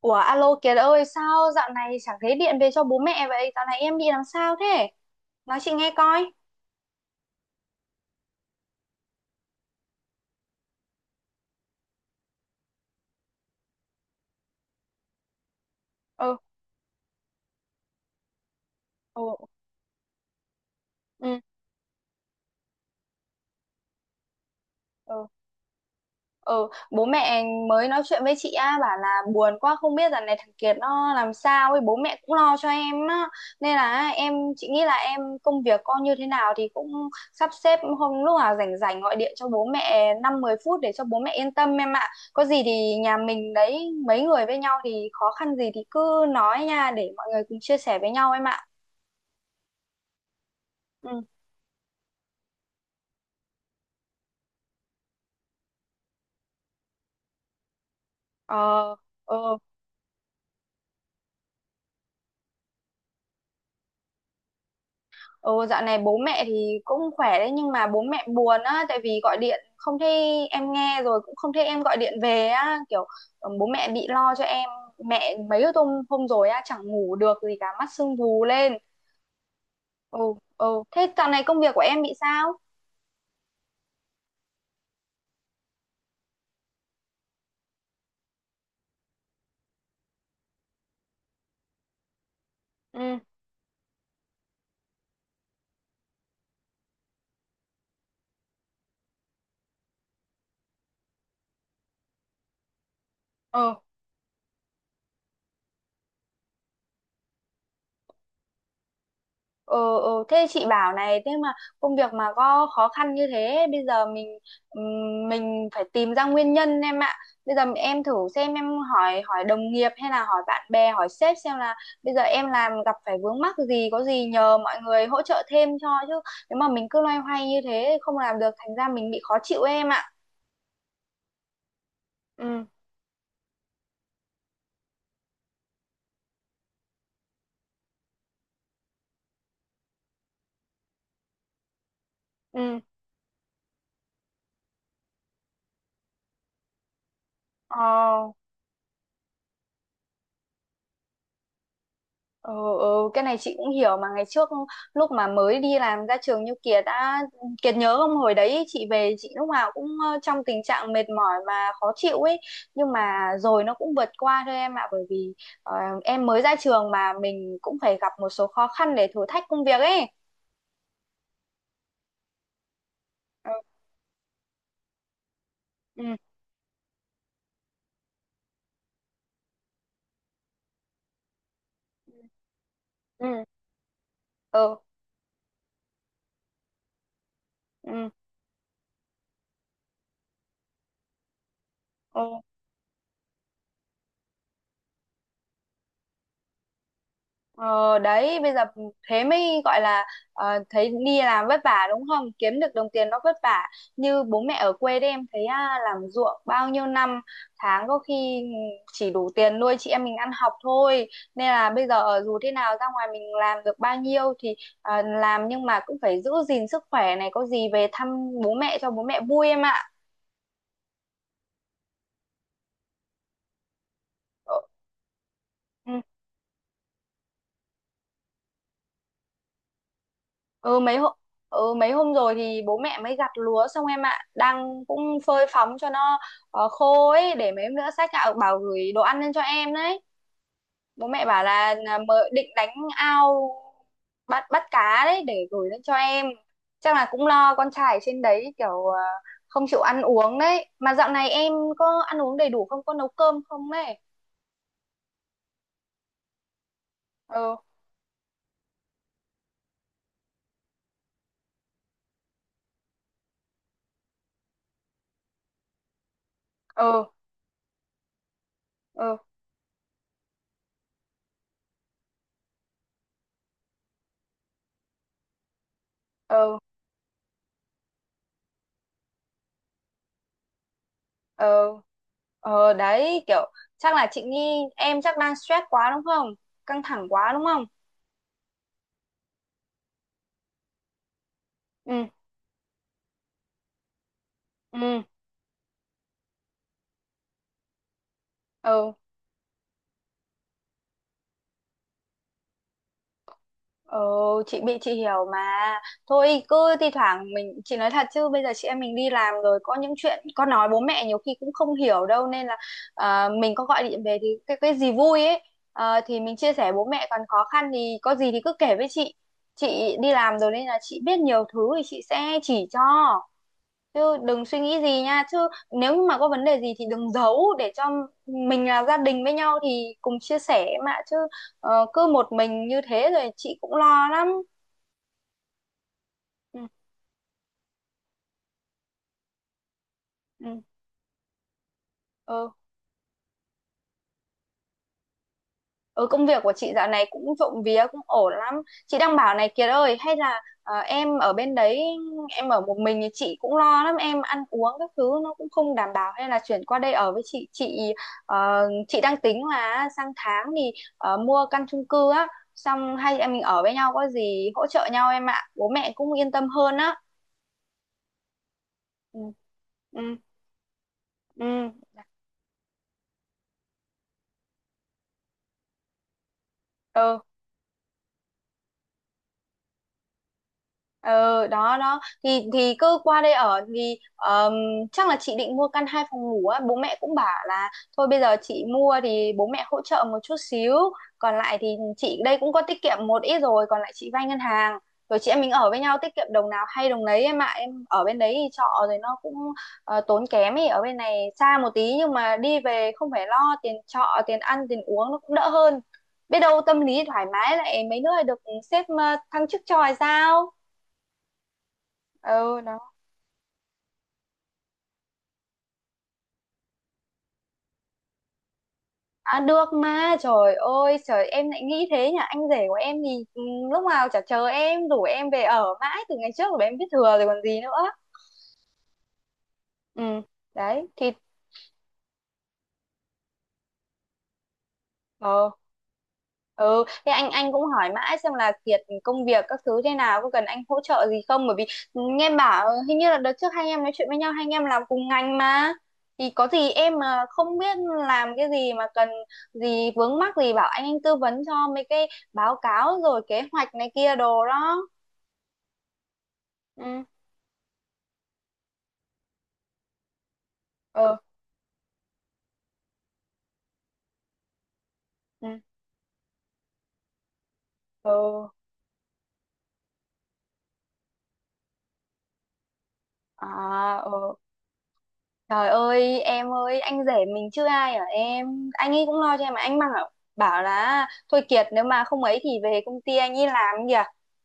Ủa alo Kiệt ơi, sao dạo này chẳng thấy điện về cho bố mẹ vậy? Dạo này em bị làm sao thế? Nói chị nghe coi. Ừ. Ừ. Ừ. Ừ. Ừ, bố mẹ mới nói chuyện với chị á, bảo là buồn quá không biết dạo này thằng Kiệt nó làm sao ấy, bố mẹ cũng lo cho em á. Nên là em, chị nghĩ là em công việc con như thế nào thì cũng sắp xếp hôm lúc nào rảnh rảnh gọi điện cho bố mẹ năm mười phút để cho bố mẹ yên tâm em ạ. Có gì thì nhà mình đấy, mấy người với nhau thì khó khăn gì thì cứ nói nha, để mọi người cùng chia sẻ với nhau em ạ. Ừ. Ờ. Ừ. Ừ, dạo này bố mẹ thì cũng khỏe đấy nhưng mà bố mẹ buồn á, tại vì gọi điện không thấy em nghe rồi cũng không thấy em gọi điện về á kiểu. Ừ, bố mẹ bị lo cho em. Mẹ mấy hôm hôm rồi á, chẳng ngủ được gì cả, mắt sưng vù lên. Ừ. Ừ, thế dạo này công việc của em bị sao? Ừ. Ừ. Ừ. Ừ. Thế chị bảo này, thế mà công việc mà có khó khăn như thế bây giờ mình phải tìm ra nguyên nhân em ạ. Bây giờ em thử xem, em hỏi hỏi đồng nghiệp hay là hỏi bạn bè, hỏi sếp xem là bây giờ em làm gặp phải vướng mắc gì, có gì nhờ mọi người hỗ trợ thêm cho chứ. Nếu mà mình cứ loay hoay như thế không làm được, thành ra mình bị khó chịu em ạ. Ừ. Ừ. Ờ. Ừ. Ừ, cái này chị cũng hiểu mà. Ngày trước lúc mà mới đi làm ra trường như Kiệt đã, Kiệt nhớ không, hồi đấy chị về chị lúc nào cũng trong tình trạng mệt mỏi và khó chịu ấy. Nhưng mà rồi nó cũng vượt qua thôi em ạ, bởi vì ờ, em mới ra trường mà mình cũng phải gặp một số khó khăn để thử thách công việc ấy. Ờ. Ừ. Ừ. Ừ. Ừ. Ừ. Ờ đấy, bây giờ thế mới gọi là thấy đi làm vất vả đúng không, kiếm được đồng tiền nó vất vả như bố mẹ ở quê đấy em thấy à, làm ruộng bao nhiêu năm tháng có khi chỉ đủ tiền nuôi chị em mình ăn học thôi. Nên là bây giờ dù thế nào ra ngoài mình làm được bao nhiêu thì à, làm nhưng mà cũng phải giữ gìn sức khỏe này, có gì về thăm bố mẹ cho bố mẹ vui em ạ. Ờ. Ừ. ừ mấy hôm ừ mấy hôm rồi thì bố mẹ mới gặt lúa xong em ạ, đang cũng phơi phóng cho nó khô ấy, để mấy hôm nữa sách gạo bảo gửi đồ ăn lên cho em đấy. Bố mẹ bảo là mời định đánh ao bắt bắt cá đấy để gửi lên cho em. Chắc là cũng lo con trai ở trên đấy kiểu không chịu ăn uống đấy, mà dạo này em có ăn uống đầy đủ không, có nấu cơm không đấy? Ừ. Ừ. Ừ. Ừ. Ừ. Ờ đấy kiểu, chắc là chị nghĩ em chắc đang stress quá đúng không? Căng thẳng quá đúng không? Ừ. Ừ. Ừ. Ờ, chị hiểu mà. Thôi cứ thi thoảng mình, chị nói thật chứ bây giờ chị em mình đi làm rồi, có những chuyện con nói bố mẹ nhiều khi cũng không hiểu đâu, nên là mình có gọi điện về thì cái gì vui ấy thì mình chia sẻ, bố mẹ còn khó khăn thì có gì thì cứ kể với chị. Chị đi làm rồi nên là chị biết nhiều thứ thì chị sẽ chỉ cho, chứ đừng suy nghĩ gì nha. Chứ nếu như mà có vấn đề gì thì đừng giấu, để cho mình là gia đình với nhau thì cùng chia sẻ mà chứ. Cứ một mình như thế rồi chị cũng lo lắm. Ừ. Ừ. Ừ. Ừ, công việc của chị dạo này cũng trộm vía cũng ổn lắm. Chị đang bảo này Kiệt ơi, hay là em ở bên đấy, em ở một mình thì chị cũng lo lắm, em ăn uống các thứ nó cũng không đảm bảo, hay là chuyển qua đây ở với chị. Chị đang tính là sang tháng thì mua căn chung cư á, xong hai chị em mình ở với nhau có gì hỗ trợ nhau em ạ. Bố mẹ cũng yên tâm hơn á. Ừ. Ừ. Ừ. Ừ. Ờ, đó đó thì cứ qua đây ở thì chắc là chị định mua căn hai phòng ngủ á. Bố mẹ cũng bảo là thôi bây giờ chị mua thì bố mẹ hỗ trợ một chút xíu, còn lại thì chị đây cũng có tiết kiệm một ít rồi, còn lại chị vay ngân hàng, rồi chị em mình ở với nhau tiết kiệm đồng nào hay đồng nấy em ạ. Em ở bên đấy thì trọ rồi nó cũng tốn kém ấy, ở bên này xa một tí nhưng mà đi về không phải lo tiền trọ tiền ăn tiền uống nó cũng đỡ hơn. Biết đâu tâm lý thoải mái lại mấy nữa lại được sếp thăng chức cho hay sao. Ừ đó. À, được mà, trời ơi trời em lại nghĩ thế nhỉ, anh rể của em thì ừ, lúc nào chả chờ em rủ em về ở mãi từ ngày trước rồi, em biết thừa rồi còn gì nữa. Ừ đấy thì. Ờ. Ừ, thế anh cũng hỏi mãi xem là Kiệt công việc các thứ thế nào có cần anh hỗ trợ gì không, bởi vì nghe em bảo hình như là đợt trước hai anh em nói chuyện với nhau, hai anh em làm cùng ngành mà, thì có gì em mà không biết làm cái gì mà cần gì vướng mắc gì bảo anh tư vấn cho mấy cái báo cáo rồi kế hoạch này kia đồ đó. Ừ. Ừ. Ừ. Ừ. À. Ừ. Trời ơi em ơi, anh rể mình chưa ai ở em, anh ấy cũng lo cho em mà anh mang bảo là thôi Kiệt, nếu mà không ấy thì về công ty anh ấy làm kìa,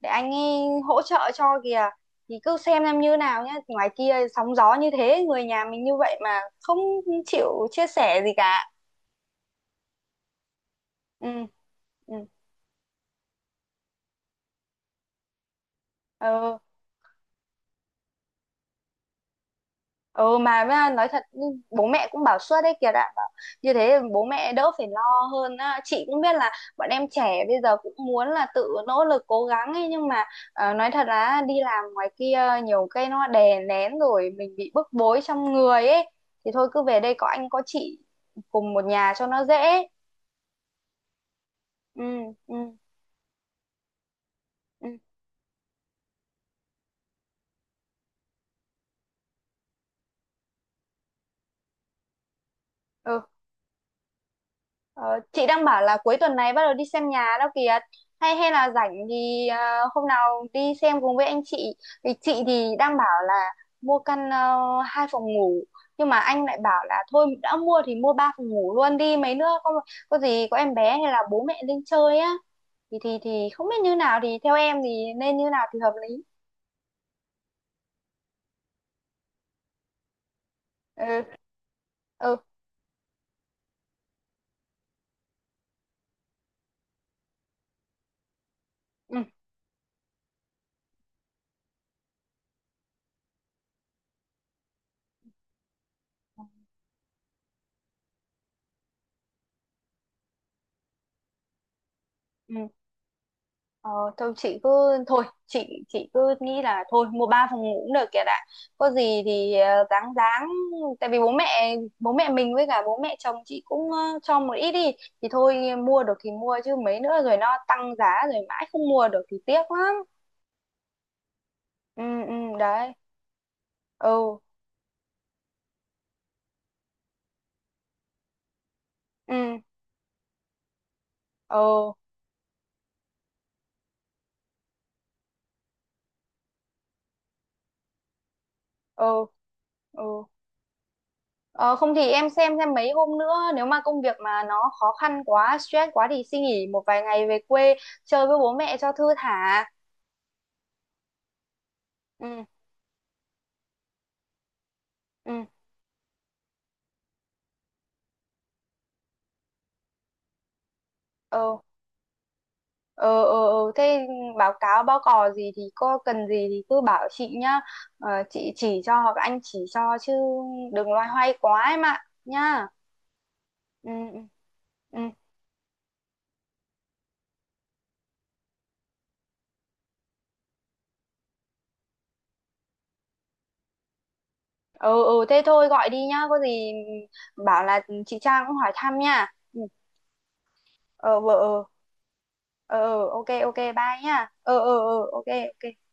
để anh ấy hỗ trợ cho kìa. Thì cứ xem em như nào nhá, ngoài kia sóng gió như thế, người nhà mình như vậy mà không chịu chia sẻ gì cả. Ừ. Ừ. Ừ. Ừ, mà với nói thật nhưng bố mẹ cũng bảo suốt đấy kìa, đã bảo như thế bố mẹ đỡ phải lo hơn á. Chị cũng biết là bọn em trẻ bây giờ cũng muốn là tự nỗ lực cố gắng ấy, nhưng mà nói thật là đi làm ngoài kia nhiều cái nó đè nén rồi mình bị bức bối trong người ấy, thì thôi cứ về đây có anh có chị cùng một nhà cho nó dễ. Ừ. Ừ. Ừ. Ừ. Ờ, chị đang bảo là cuối tuần này bắt đầu đi xem nhà đó kìa, hay hay là rảnh thì hôm nào đi xem cùng với anh chị. Thì chị thì đang bảo là mua căn hai phòng ngủ, nhưng mà anh lại bảo là thôi đã mua thì mua ba phòng ngủ luôn đi, mấy nữa có gì, có em bé hay là bố mẹ lên chơi á, thì không biết như nào, thì theo em thì nên như nào thì hợp lý. Ừ. Ừ. Ừ. Ừ. Ờ, thôi chị cứ thôi chị cứ nghĩ là thôi mua ba phòng ngủ cũng được kìa, đã có gì thì ráng ráng tại vì bố mẹ mình với cả bố mẹ chồng chị cũng cho một ít đi, thì thôi mua được thì mua chứ mấy nữa rồi nó tăng giá, rồi mãi không mua được thì tiếc lắm. Ừ. Ừ đấy. Ừ. Ừ. Ừ. Ừ. Ừ. ờ, không thì em xem mấy hôm nữa nếu mà công việc mà nó khó khăn quá stress quá thì xin nghỉ một vài ngày về quê chơi với bố mẹ cho thư thả. Ừ. Ừ. Ờ. Ờ. Ờ. Ờ. Thế báo cáo báo cò gì thì có cần gì thì cứ bảo chị nhá. Chị chỉ cho hoặc anh chỉ cho chứ đừng loay hoay quá em ạ nhá. Ừ. Ừ. Ừ. Ờ. Ờ, thế thôi gọi đi nhá, có gì bảo là chị Trang cũng hỏi thăm nha. Ừ. Ờ vợ. Ờ. Ờ. Ờ, ok ok bye nhá. Ờ. Ờ. Ờ. Ok. Ok.